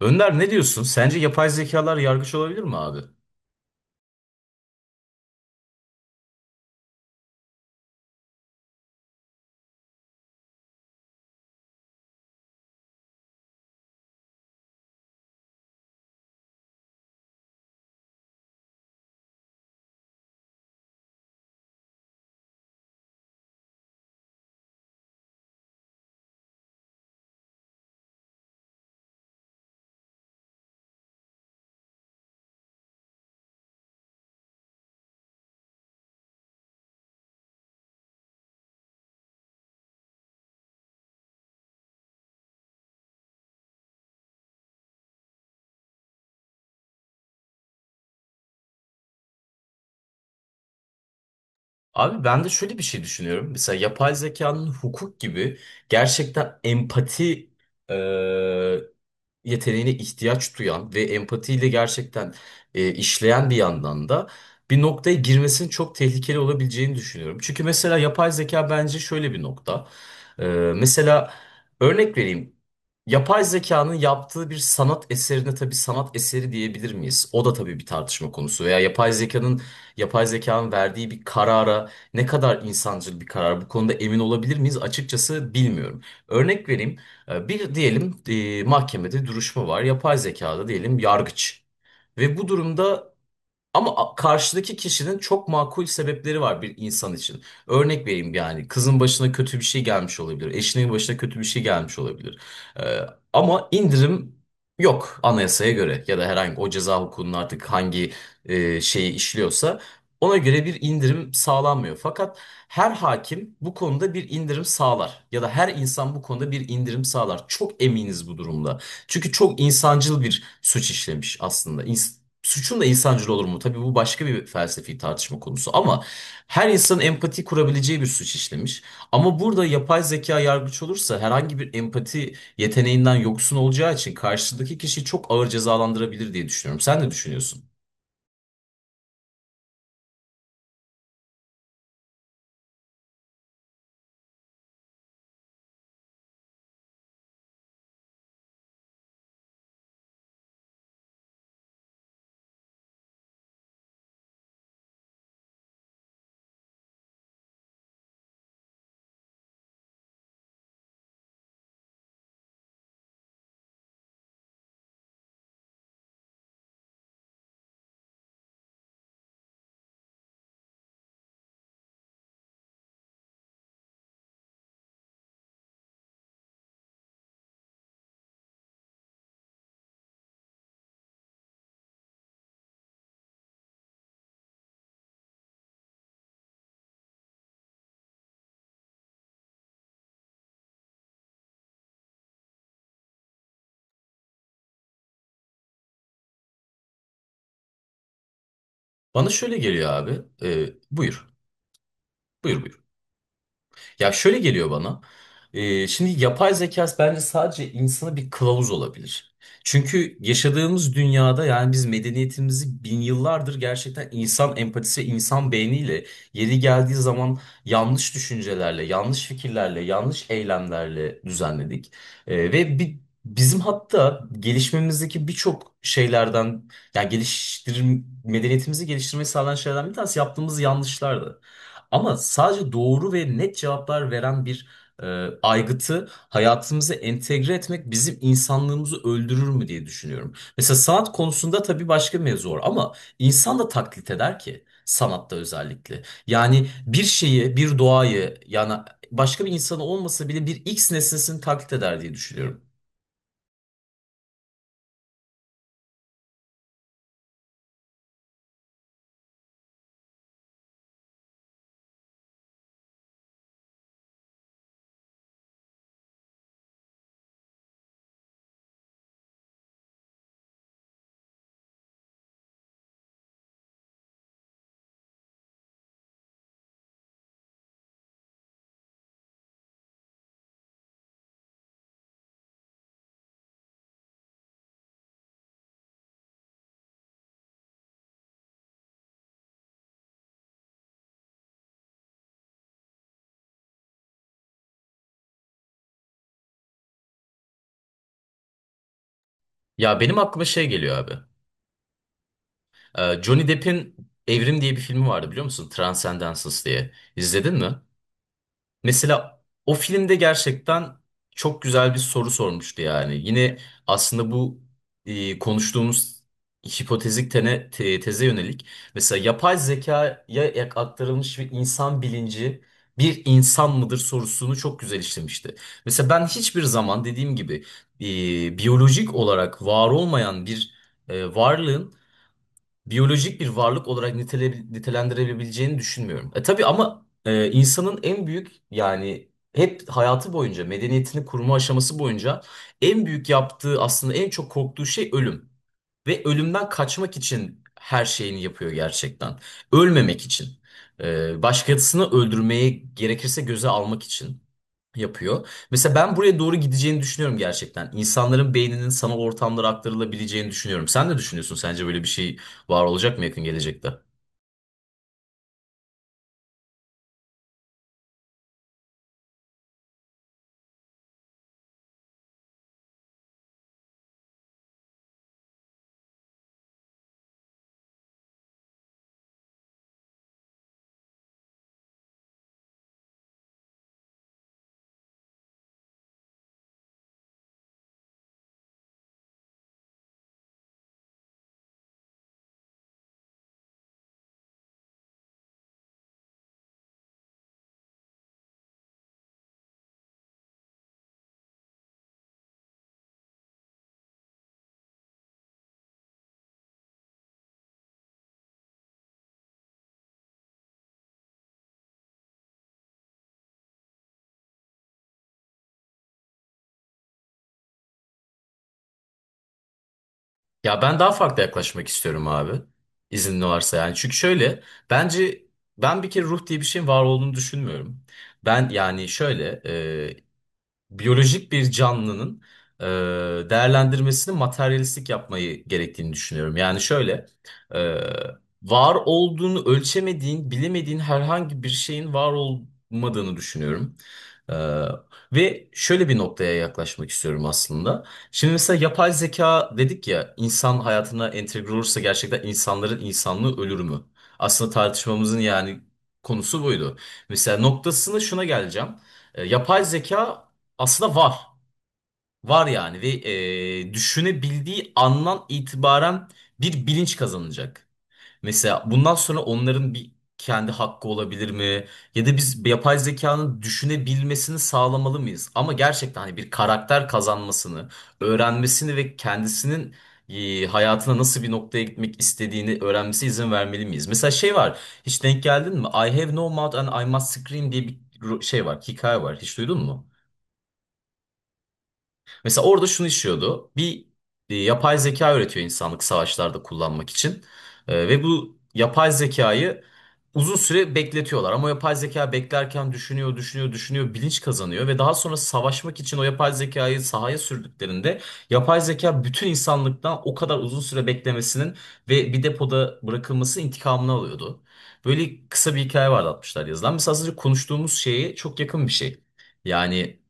Önder ne diyorsun? Sence yapay zekalar yargıç olabilir mi abi? Abi ben de şöyle bir şey düşünüyorum. Mesela yapay zekanın hukuk gibi gerçekten empati yeteneğine ihtiyaç duyan ve empatiyle gerçekten işleyen bir yandan da bir noktaya girmesinin çok tehlikeli olabileceğini düşünüyorum. Çünkü mesela yapay zeka bence şöyle bir nokta. Ee, mesela örnek vereyim. Yapay zekanın yaptığı bir sanat eserine tabii sanat eseri diyebilir miyiz? O da tabii bir tartışma konusu. Veya yapay zekanın verdiği bir karara ne kadar insancıl bir karar bu konuda emin olabilir miyiz? Açıkçası bilmiyorum. Örnek vereyim. Bir diyelim mahkemede duruşma var. Yapay zekada diyelim yargıç. Ve bu durumda karşıdaki kişinin çok makul sebepleri var bir insan için. Örnek vereyim yani kızın başına kötü bir şey gelmiş olabilir. Eşinin başına kötü bir şey gelmiş olabilir. Ee, ama indirim yok anayasaya göre ya da herhangi o ceza hukukunun artık hangi şeyi işliyorsa ona göre bir indirim sağlanmıyor. Fakat her hakim bu konuda bir indirim sağlar ya da her insan bu konuda bir indirim sağlar. Çok eminiz bu durumda. Çünkü çok insancıl bir suç işlemiş aslında. Suçun da insancıl olur mu? Tabii bu başka bir felsefi tartışma konusu ama her insanın empati kurabileceği bir suç işlemiş. Ama burada yapay zeka yargıç olursa herhangi bir empati yeteneğinden yoksun olacağı için karşıdaki kişiyi çok ağır cezalandırabilir diye düşünüyorum. Sen ne düşünüyorsun? Bana şöyle geliyor abi. Buyur. Buyur, buyur. Ya şöyle geliyor bana. Şimdi yapay zeka bence sadece insana bir kılavuz olabilir. Çünkü yaşadığımız dünyada yani biz medeniyetimizi bin yıllardır gerçekten insan empatisi ve insan beyniyle yeri geldiği zaman yanlış düşüncelerle, yanlış fikirlerle, yanlış eylemlerle düzenledik. Ve bizim hatta gelişmemizdeki birçok şeylerden yani geliştir medeniyetimizi geliştirmeyi sağlayan şeylerden bir tanesi yaptığımız yanlışlardı. Ama sadece doğru ve net cevaplar veren bir aygıtı hayatımıza entegre etmek bizim insanlığımızı öldürür mü diye düşünüyorum. Mesela sanat konusunda tabii başka mevzu var ama insan da taklit eder ki sanatta özellikle. Yani bir şeyi, bir doğayı yani başka bir insanı olmasa bile bir X nesnesini taklit eder diye düşünüyorum. Ya benim aklıma şey geliyor abi. Johnny Depp'in Evrim diye bir filmi vardı biliyor musun? Transcendence diye. İzledin mi? Mesela o filmde gerçekten çok güzel bir soru sormuştu yani. Yine aslında bu konuştuğumuz hipotezik teze yönelik. Mesela yapay zekaya aktarılmış ve insan bilinci bir insan mıdır sorusunu çok güzel işlemişti. Mesela ben hiçbir zaman dediğim gibi biyolojik olarak var olmayan bir varlığın biyolojik bir varlık olarak nitelendirebileceğini düşünmüyorum. E tabii ama insanın en büyük yani hep hayatı boyunca medeniyetini kurma aşaması boyunca en büyük yaptığı aslında en çok korktuğu şey ölüm. Ve ölümden kaçmak için her şeyini yapıyor gerçekten. Ölmemek için. Başkasını öldürmeye gerekirse göze almak için yapıyor. Mesela ben buraya doğru gideceğini düşünüyorum gerçekten. İnsanların beyninin sanal ortamlara aktarılabileceğini düşünüyorum. Sen ne düşünüyorsun? Sence böyle bir şey var olacak mı yakın gelecekte? Ya ben daha farklı yaklaşmak istiyorum abi. İzin varsa yani. Çünkü şöyle bence ben bir kere ruh diye bir şeyin var olduğunu düşünmüyorum. Ben yani şöyle biyolojik bir canlının e, değerlendirmesini materyalistik yapmayı gerektiğini düşünüyorum. Yani şöyle, e, var olduğunu ölçemediğin, bilemediğin herhangi bir şeyin var olmadığını düşünüyorum. E, ve şöyle bir noktaya yaklaşmak istiyorum aslında. Şimdi mesela yapay zeka dedik ya, insan hayatına entegre olursa gerçekten insanların insanlığı ölür mü? Aslında tartışmamızın yani konusu buydu. Mesela noktasını şuna geleceğim. Yapay zeka aslında var. Var yani ve düşünebildiği andan itibaren bir bilinç kazanacak. Mesela bundan sonra onların bir kendi hakkı olabilir mi? Ya da biz yapay zekanın düşünebilmesini sağlamalı mıyız? Ama gerçekten hani bir karakter kazanmasını, öğrenmesini ve kendisinin hayatına nasıl bir noktaya gitmek istediğini öğrenmesi izin vermeli miyiz? Mesela şey var, hiç denk geldin mi? I have no mouth and I must scream diye bir şey var, hikaye var. Hiç duydun mu? Mesela orada şunu işiyordu. Bir yapay zeka üretiyor insanlık savaşlarda kullanmak için. Ve bu yapay zekayı uzun süre bekletiyorlar. Ama yapay zeka beklerken düşünüyor, bilinç kazanıyor. Ve daha sonra savaşmak için o yapay zekayı sahaya sürdüklerinde yapay zeka bütün insanlıktan o kadar uzun süre beklemesinin ve bir depoda bırakılması intikamını alıyordu. Böyle kısa bir hikaye vardı 60'lar yazılan. Mesela az önce konuştuğumuz şeye çok yakın bir şey. Yani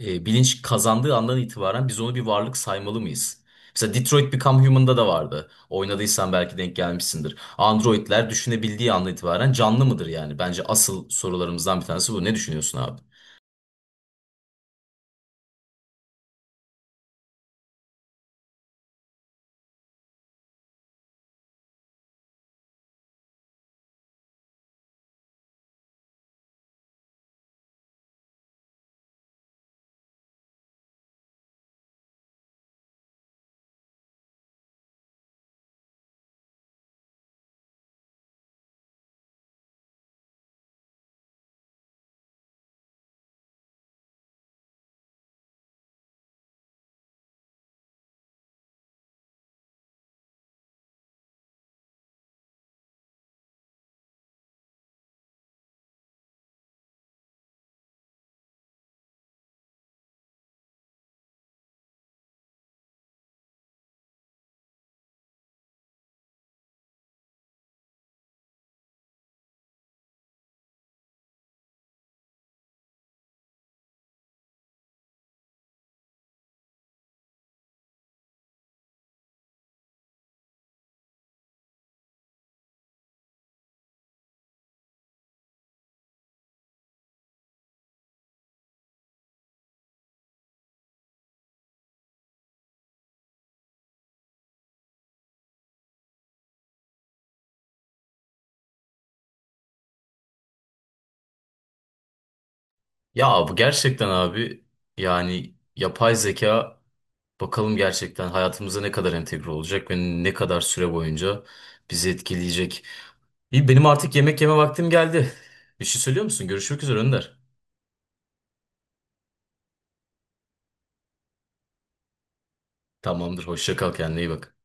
bilinç kazandığı andan itibaren biz onu bir varlık saymalı mıyız? Mesela Detroit Become Human'da da vardı. Oynadıysan belki denk gelmişsindir. Androidler düşünebildiği andan itibaren canlı mıdır yani? Bence asıl sorularımızdan bir tanesi bu. Ne düşünüyorsun abi? Ya bu gerçekten abi yani yapay zeka bakalım gerçekten hayatımıza ne kadar entegre olacak ve ne kadar süre boyunca bizi etkileyecek. İyi benim artık yemek yeme vaktim geldi. Bir şey söylüyor musun? Görüşmek üzere Önder. Tamamdır. Hoşça kal, kendine iyi bak.